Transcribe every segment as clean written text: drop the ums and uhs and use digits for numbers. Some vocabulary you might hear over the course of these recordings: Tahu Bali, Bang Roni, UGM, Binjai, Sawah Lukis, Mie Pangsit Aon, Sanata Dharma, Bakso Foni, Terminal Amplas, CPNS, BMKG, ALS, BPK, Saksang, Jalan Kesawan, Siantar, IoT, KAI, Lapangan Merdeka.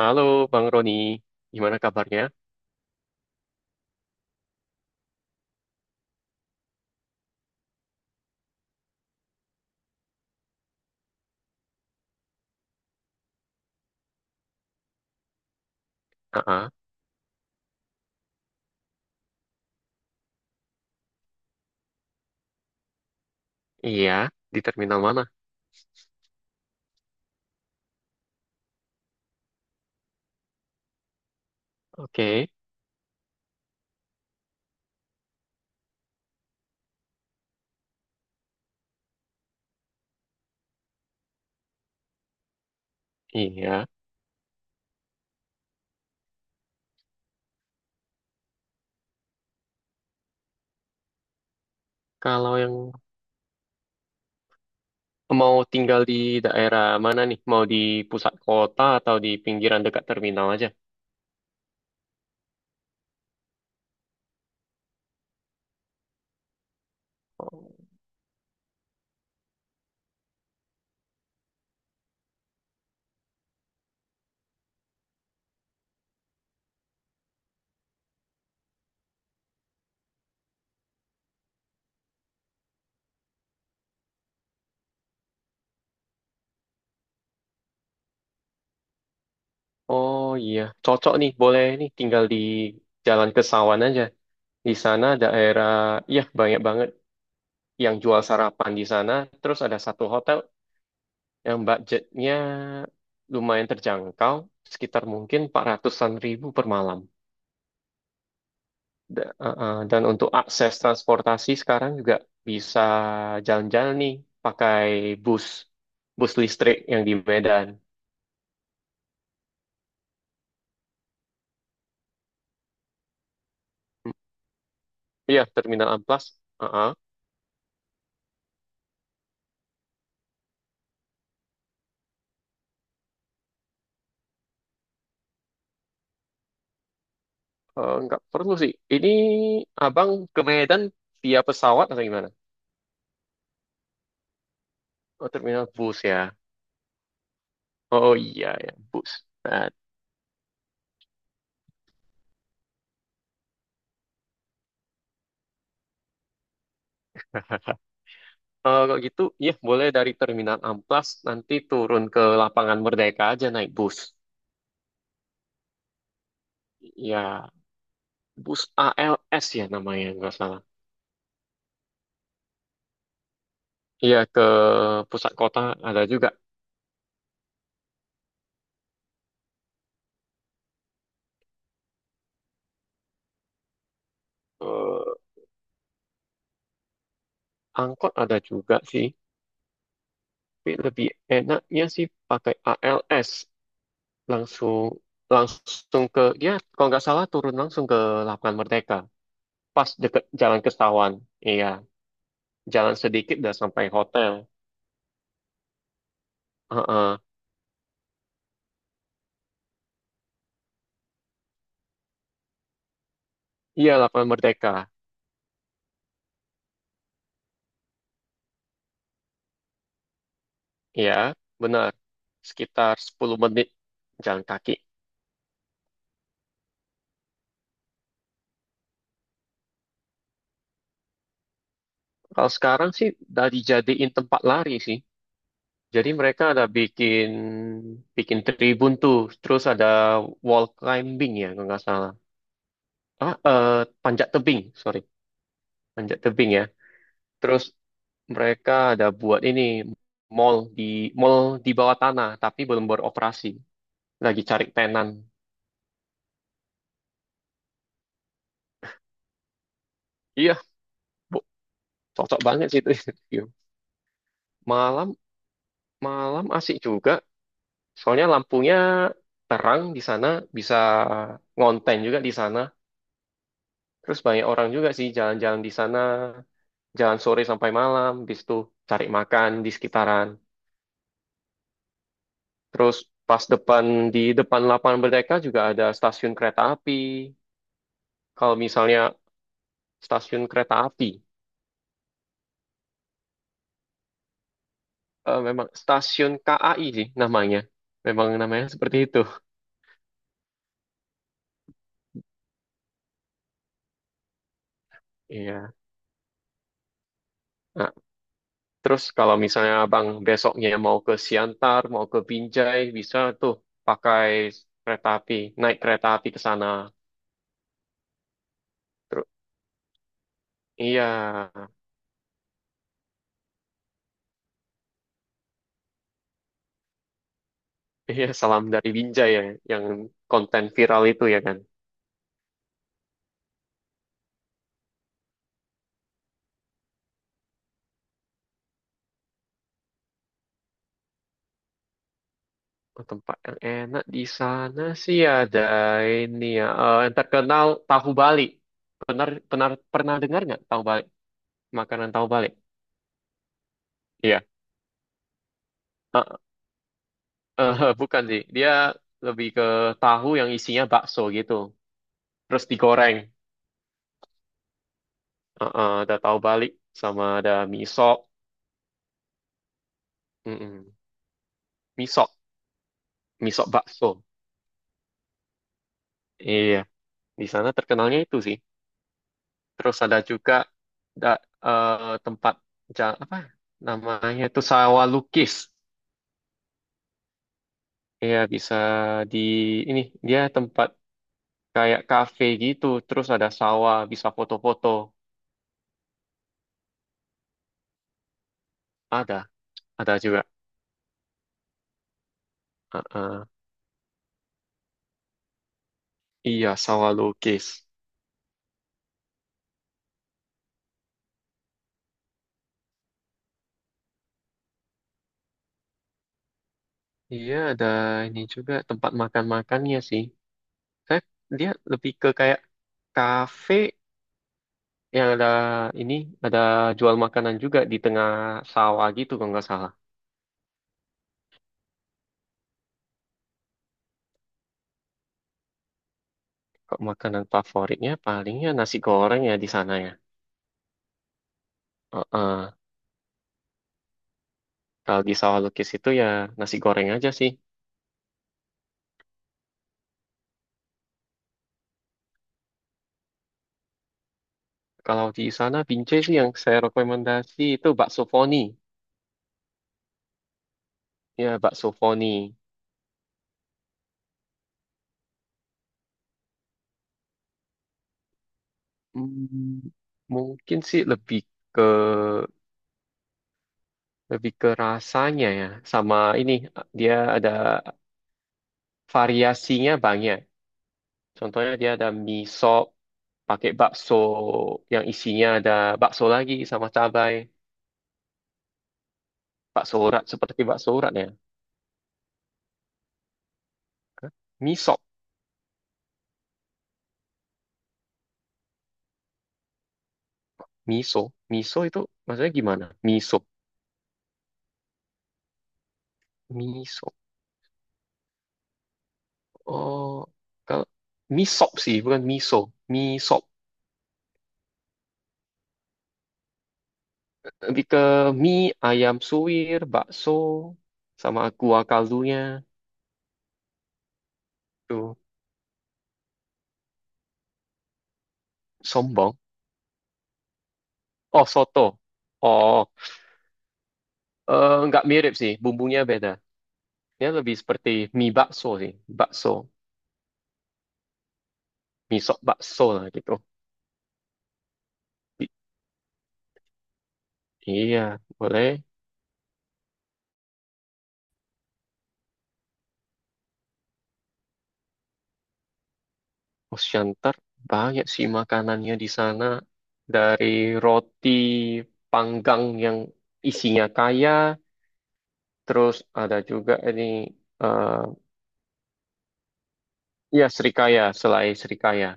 Halo Bang Roni, gimana kabarnya? Aa, iya, di terminal mana? Oke, iya. Kalau yang mau tinggal di daerah mana nih? Mau di pusat kota atau di pinggiran dekat terminal aja? Oh iya, cocok nih, boleh nih tinggal di Jalan Kesawan aja. Di sana daerah, ya banyak banget yang jual sarapan di sana. Terus ada satu hotel yang budgetnya lumayan terjangkau, sekitar mungkin 400 ribuan per malam. Dan untuk akses transportasi sekarang juga bisa jalan-jalan nih pakai bus, bus listrik yang di Medan. Iya, Terminal Amplas. Uh, uh. Nggak perlu sih. Ini abang ke Medan via pesawat atau gimana? Oh, terminal bus ya. Oh iya ya, bus. Nah, kalau gitu, ya boleh dari Terminal Amplas nanti turun ke Lapangan Merdeka aja naik bus. Ya, bus ALS ya namanya nggak salah. Iya ke pusat kota ada juga. Eh, Angkot ada juga sih. Tapi lebih enaknya sih pakai ALS langsung langsung ke, ya kalau nggak salah turun langsung ke Lapangan Merdeka pas deket Jalan Kestawan. Iya, jalan sedikit udah sampai hotel. Heeh. Iya Lapangan Merdeka. Iya benar, sekitar 10 menit jalan kaki. Kalau sekarang sih udah dijadiin tempat lari sih. Jadi mereka ada bikin bikin tribun tuh, terus ada wall climbing ya kalau nggak salah. Ah, eh, Panjat tebing, sorry, panjat tebing ya. Terus mereka ada buat ini mall di mall bawah tanah, tapi belum beroperasi, lagi cari tenan. Iya, bu, Cocok banget sih itu. Iya. Malam malam asik juga, soalnya lampunya terang di sana, bisa ngonten juga di sana. Terus banyak orang juga sih jalan-jalan di sana, jalan sore sampai malam, bis itu cari makan di sekitaran. Terus pas depan di depan Lapangan Merdeka juga ada stasiun kereta api. Kalau misalnya stasiun kereta api, memang stasiun KAI sih namanya. Memang namanya seperti itu. Iya. Nah, terus kalau misalnya abang besoknya mau ke Siantar, mau ke Binjai, bisa tuh pakai kereta api, naik kereta api ke sana. Terus, iya, iya salam dari Binjai ya, yang konten viral itu ya kan. Oh, tempat yang enak di sana sih ada ini ya. Yang terkenal tahu Bali. Benar, benar pernah dengar nggak tahu Bali? Makanan tahu Bali. Iya. Eh, Bukan sih. Dia lebih ke tahu yang isinya bakso gitu. Terus digoreng. Ada tahu Bali sama ada miso. Mm-mm. Miso, miso bakso. Iya. Di sana terkenalnya itu sih. Terus ada juga da, tempat apa namanya itu sawah lukis. Iya bisa di ini, dia tempat kayak kafe gitu, terus ada sawah bisa foto-foto. Ada, ada juga. Heeh. Iya sawah lukis. Iya ada, ini juga tempat makan-makannya sih. Saya, dia lebih ke kayak kafe yang ada ini, ada jual makanan juga di tengah sawah gitu kalau nggak salah. Kok makanan favoritnya palingnya nasi goreng ya di sana ya. Heeh. Kalau di sawah lukis itu ya nasi goreng aja sih. Kalau di sana Binjai sih yang saya rekomendasi itu bakso foni. Ya, bakso foni. Hmm, mungkin sih lebih ke rasanya ya. Sama ini dia ada variasinya banyak. Contohnya dia ada mie sop pakai bakso yang isinya ada bakso lagi sama cabai, bakso urat seperti bakso urat ya. Hah? Mie sop, miso, miso itu maksudnya gimana? Miso, miso. Oh, kalau mie sop sih, bukan miso. Mie sop. Lebih ke mie, ayam suwir, bakso, sama kuah kaldunya. Tuh, sombong. Oh, soto. Oh, nggak mirip sih. Bumbunya beda. Dia lebih seperti mie bakso sih. Bakso. Mie sop bakso lah gitu. I- iya, boleh. Osyantar, banyak sih makanannya di sana. Dari roti panggang yang isinya kaya, terus ada juga ini, eh Srikaya, selai Srikaya.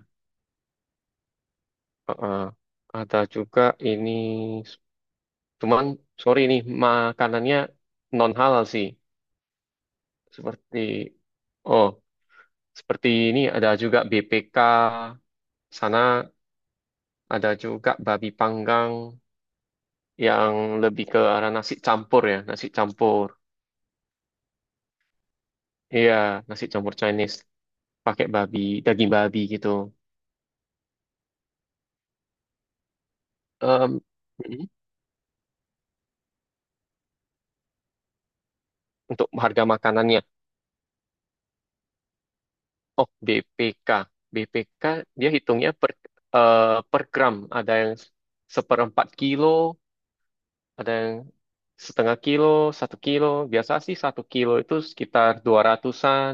Heeh. Ada juga ini, cuman sorry nih, makanannya non halal sih. Seperti, oh, seperti ini ada juga BPK, sana ada juga babi panggang yang lebih ke arah nasi campur ya, nasi campur. Iya, nasi campur Chinese, pakai babi, daging babi gitu. Em, mm, untuk harga makanannya. Oh, BPK. BPK dia hitungnya per, eh, per gram. Ada yang seperempat kilo, ada yang setengah kilo, satu kilo. Biasa sih satu kilo itu sekitar dua ratusan,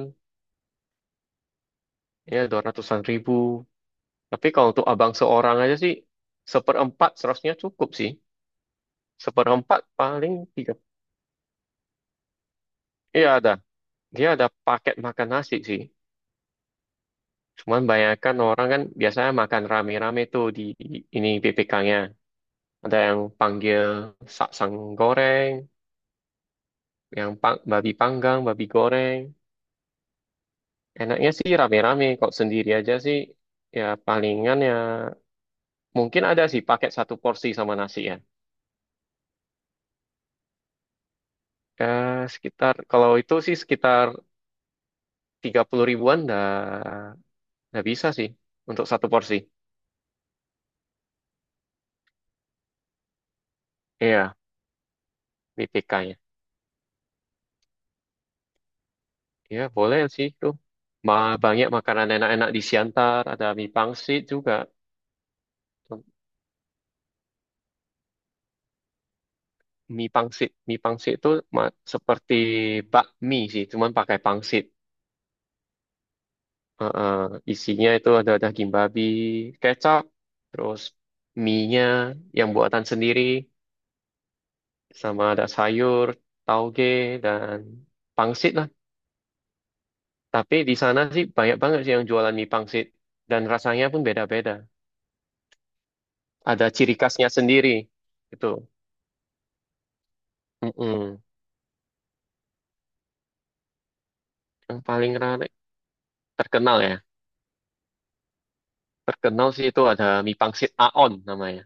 ya 200 ribuan. Tapi kalau untuk abang seorang aja sih, seperempat seharusnya cukup sih. Seperempat paling tiga. Iya ada. Dia ada paket makan nasi sih. Cuman bayangkan orang kan biasanya makan rame-rame tuh di ini BPK-nya. Ada yang panggil saksang goreng, yang babi panggang, babi goreng. Enaknya sih rame-rame, kok sendiri aja sih ya palingan ya mungkin ada sih paket satu porsi sama nasi ya. Eh, Sekitar kalau itu sih sekitar 30 ribuan dah dah bisa sih untuk satu porsi. Iya, mie PK-nya. Iya, boleh sih tuh. Ma Banyak makanan enak-enak di Siantar, ada mie pangsit juga. Mie pangsit. Mie pangsit itu seperti bakmi sih, cuman pakai pangsit. Heeh, isinya itu ada daging babi, kecap, terus mie-nya yang buatan sendiri, sama ada sayur, tauge, dan pangsit lah. Tapi di sana sih banyak banget sih yang jualan mie pangsit. Dan rasanya pun beda-beda. Ada ciri khasnya sendiri. Itu. Mm-mm. Yang paling rame, terkenal ya. Terkenal sih itu ada mie pangsit Aon namanya.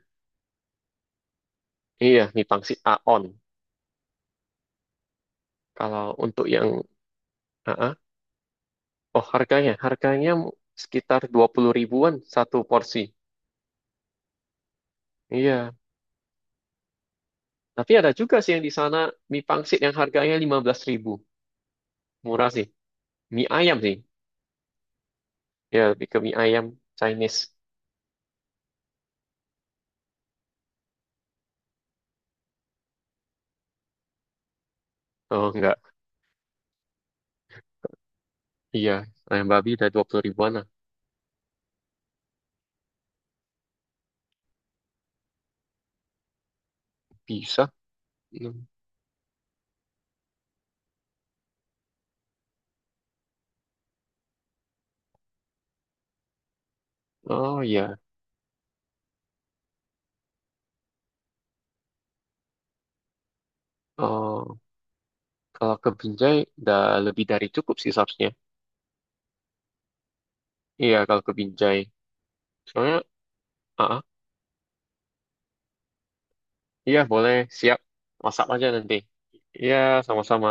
Iya, mie pangsit Aon. Kalau untuk yang AA, oh harganya, harganya sekitar 20 ribuan satu porsi. Iya, tapi ada juga sih yang di sana mie pangsit yang harganya 15 ribu. Murah sih. Mie ayam sih. Ya, lebih ke mie ayam Chinese. Oh, enggak. Iya, ayam babi udah 20 ribuan lah. Bisa. Hmm. Oh, iya. Oh, kalau ke Binjai udah lebih dari cukup sih seharusnya. Iya, kalau ke Binjai. Soalnya, AA iya, boleh. Siap. Masak aja nanti. Iya, sama-sama.